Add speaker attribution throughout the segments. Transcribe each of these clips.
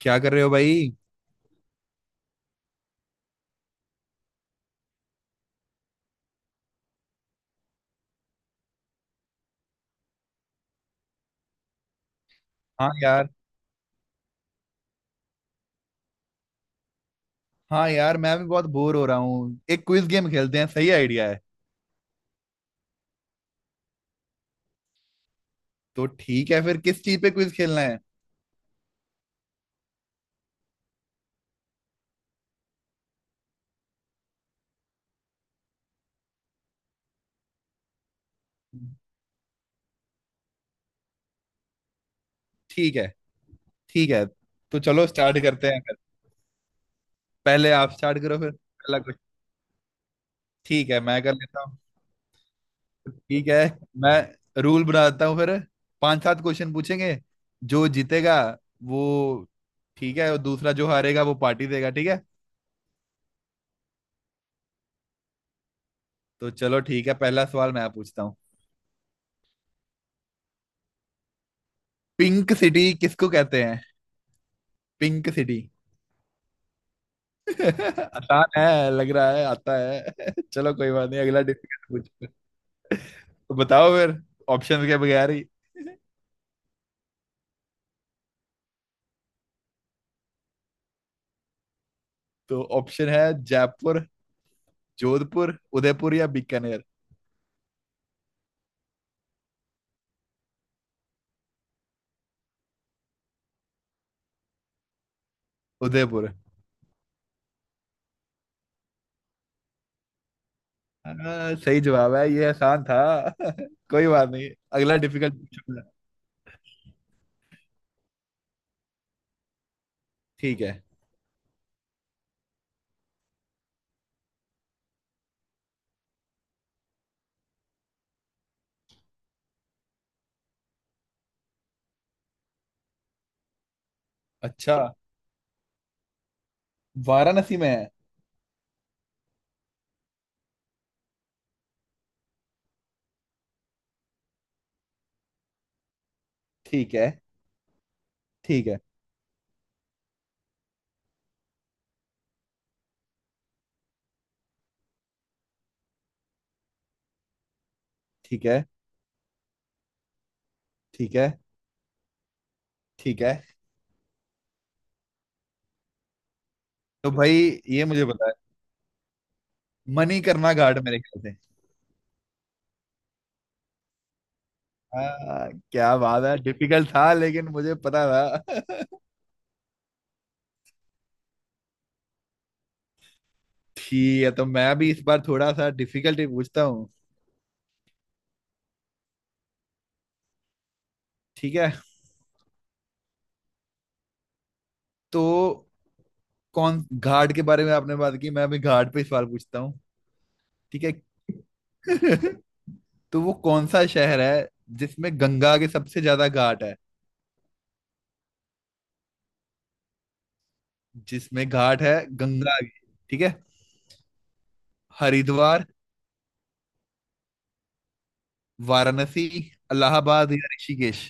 Speaker 1: क्या कर रहे हो भाई? हाँ यार। हाँ यार, मैं भी बहुत बोर हो रहा हूँ, एक क्विज गेम खेलते हैं, सही आइडिया है। तो ठीक है फिर, किस चीज पे क्विज खेलना है? ठीक है। ठीक है। तो चलो स्टार्ट करते हैं फिर। पहले आप स्टार्ट करो फिर, पहला क्वेश्चन। ठीक है, मैं कर लेता हूँ। ठीक है। मैं रूल बनाता हूँ फिर। पांच सात क्वेश्चन पूछेंगे, जो जीतेगा वो, ठीक है, और दूसरा जो हारेगा वो पार्टी देगा, ठीक है। तो चलो ठीक है, पहला सवाल मैं पूछता हूँ। पिंक सिटी किसको कहते हैं? Pink city. आसान है लग रहा है, आता है। चलो कोई बात नहीं, अगला डिफिकल्ट पूछो। तो बताओ फिर, ऑप्शन के बगैर ही। तो ऑप्शन है, जयपुर, जोधपुर, उदयपुर या बीकानेर। उदयपुर। हाँ, सही जवाब है, ये आसान था। कोई बात नहीं, अगला डिफिकल्ट पूछो। ठीक है। अच्छा। वाराणसी में है? ठीक है। ठीक है। ठीक है। ठीक है। ठीक है। तो भाई ये मुझे पता है, मणिकर्णा घाट मेरे ख्याल से। हाँ, क्या बात है, डिफिकल्ट था लेकिन मुझे पता था। ठीक है, तो मैं भी इस बार थोड़ा सा डिफिकल्ट ही पूछता हूँ। ठीक है। तो कौन घाट के बारे में आपने बात की, मैं अभी घाट पे सवाल पूछता हूँ। ठीक है। तो वो कौन सा शहर है जिसमें गंगा के सबसे ज्यादा घाट है, जिसमें घाट है गंगा के? ठीक है। हरिद्वार, वाराणसी, इलाहाबाद या ऋषिकेश।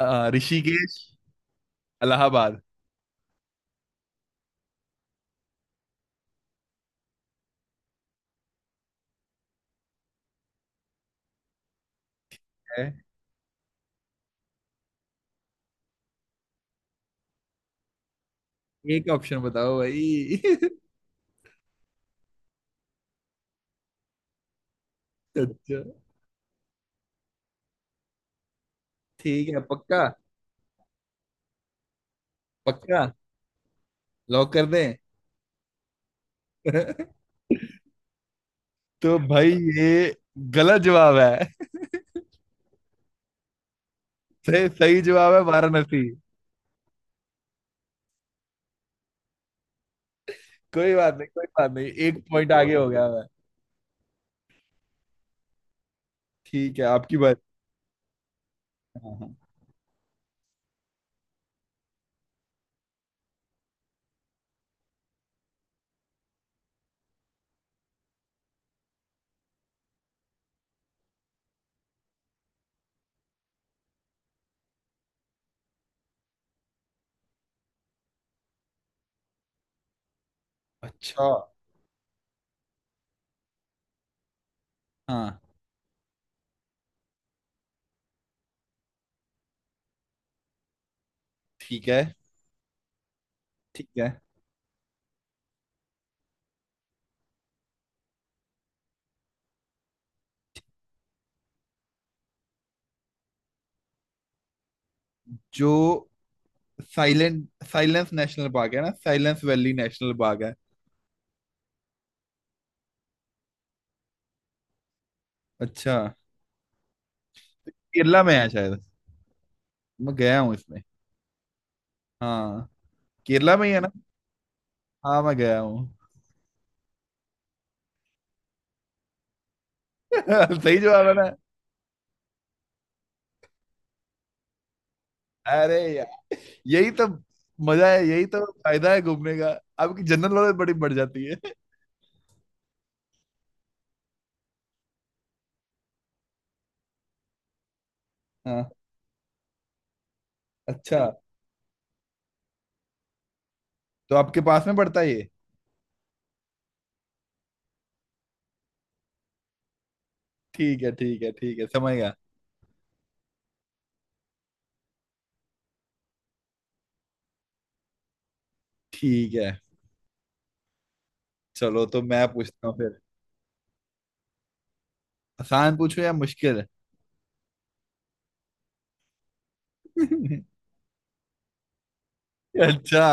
Speaker 1: ऋषिकेश, इलाहाबाद। है। एक ऑप्शन बताओ भाई। अच्छा। ठीक है, पक्का? पक्का? लॉक कर दें? तो भाई ये गलत जवाब है। सही सही जवाब है वाराणसी। कोई बात नहीं, कोई बात नहीं, एक पॉइंट आगे हो गया मैं। ठीक है, आपकी बात। हाँ हाँ। अच्छा। हाँ, ठीक है। ठीक है। जो साइलेंट साइलेंस नेशनल पार्क है ना, साइलेंस वैली नेशनल पार्क है। अच्छा। केरला में है शायद। मैं गया हूँ इसमें। हाँ। केरला में ही है ना? हाँ, मैं गया हूँ। सही जवाब है ना? अरे यार, यही तो मजा है, यही तो फायदा है घूमने का, आपकी जनरल नॉलेज बड़ी बढ़ जाती है। हाँ। अच्छा। तो आपके पास में पड़ता है ये? ठीक है, ठीक है, ठीक है, समझ गया। ठीक है। चलो, तो मैं पूछता हूँ फिर। आसान पूछूं या मुश्किल? अच्छा।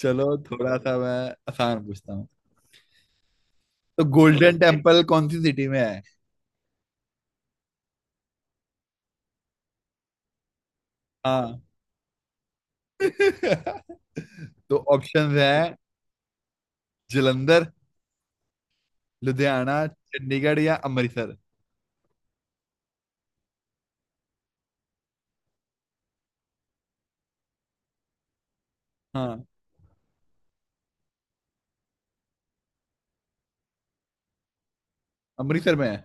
Speaker 1: चलो थोड़ा सा मैं आसान पूछता हूँ। तो गोल्डन टेम्पल कौन सी सिटी में है? हाँ। तो ऑप्शंस हैं, जलंधर, लुधियाना, चंडीगढ़ या अमृतसर। हाँ, अमृतसर में है।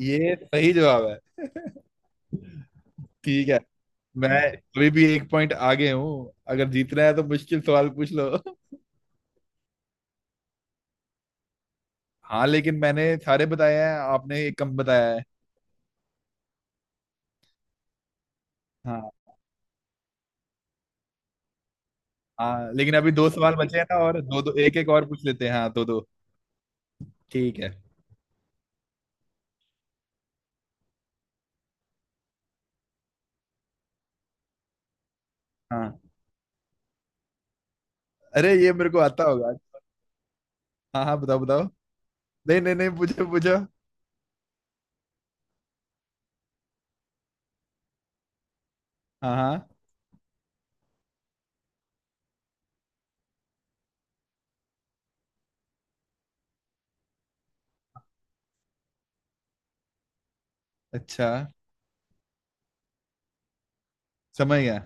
Speaker 1: ये सही जवाब है। ठीक है। मैं अभी भी एक पॉइंट आगे हूँ, अगर जीतना है तो मुश्किल सवाल पूछ लो। हाँ लेकिन मैंने सारे बताए हैं, आपने एक कम बताया है। हाँ। हाँ लेकिन अभी दो सवाल बचे हैं ना, और दो दो, एक एक और पूछ लेते हैं, हाँ दो दो। ठीक है। हाँ। अरे ये मेरे को आता होगा। हाँ हाँ, बताओ बताओ। नहीं नहीं नहीं, पूछो पूछो। हाँ हाँ। अच्छा, समझ गया।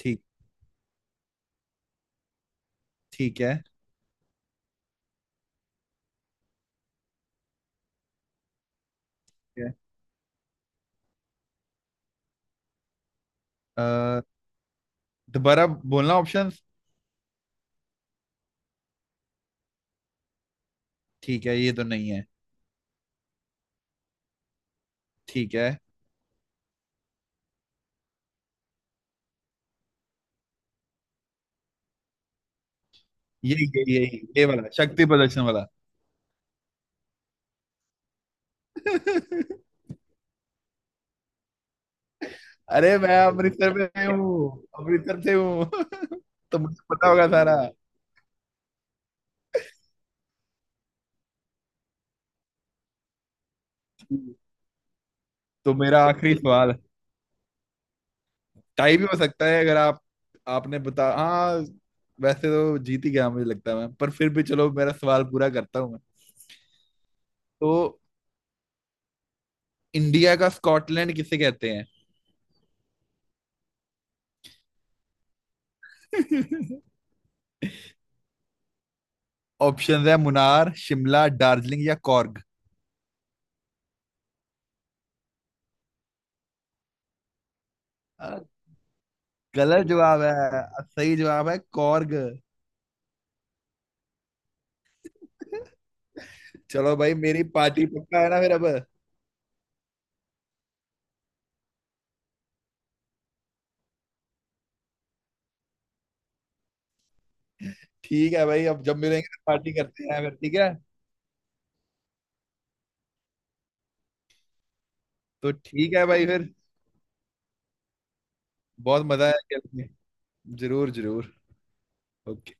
Speaker 1: ठीक ठीक है। ठीक है। अ, दोबारा बोलना ऑप्शन। ठीक है, ये तो नहीं है। ठीक है। यही यही यही, ये वाला, शक्ति प्रदर्शन वाला। अरे मैं अमृतसर में से हूँ, अमृतसर से हूँ। तो मुझे पता होगा सारा। तो मेरा आखिरी सवाल। टाई भी हो सकता है, अगर आप आपने बता, हाँ। वैसे तो जीत ही गया मुझे लगता है मैं, पर फिर भी चलो मेरा सवाल पूरा करता हूँ मैं। तो इंडिया का स्कॉटलैंड किसे कहते हैं? ऑप्शन है, मुनार, शिमला, दार्जिलिंग या कॉर्ग। अ, गलत जवाब है। सही जवाब है कॉर्ग। चलो भाई, मेरी पार्टी पक्का है ना फिर अब। ठीक है भाई, अब जब मिलेंगे तो पार्टी करते हैं फिर, ठीक है। तो ठीक है भाई फिर। बहुत मजा आया खेल के। जरूर जरूर। ओके।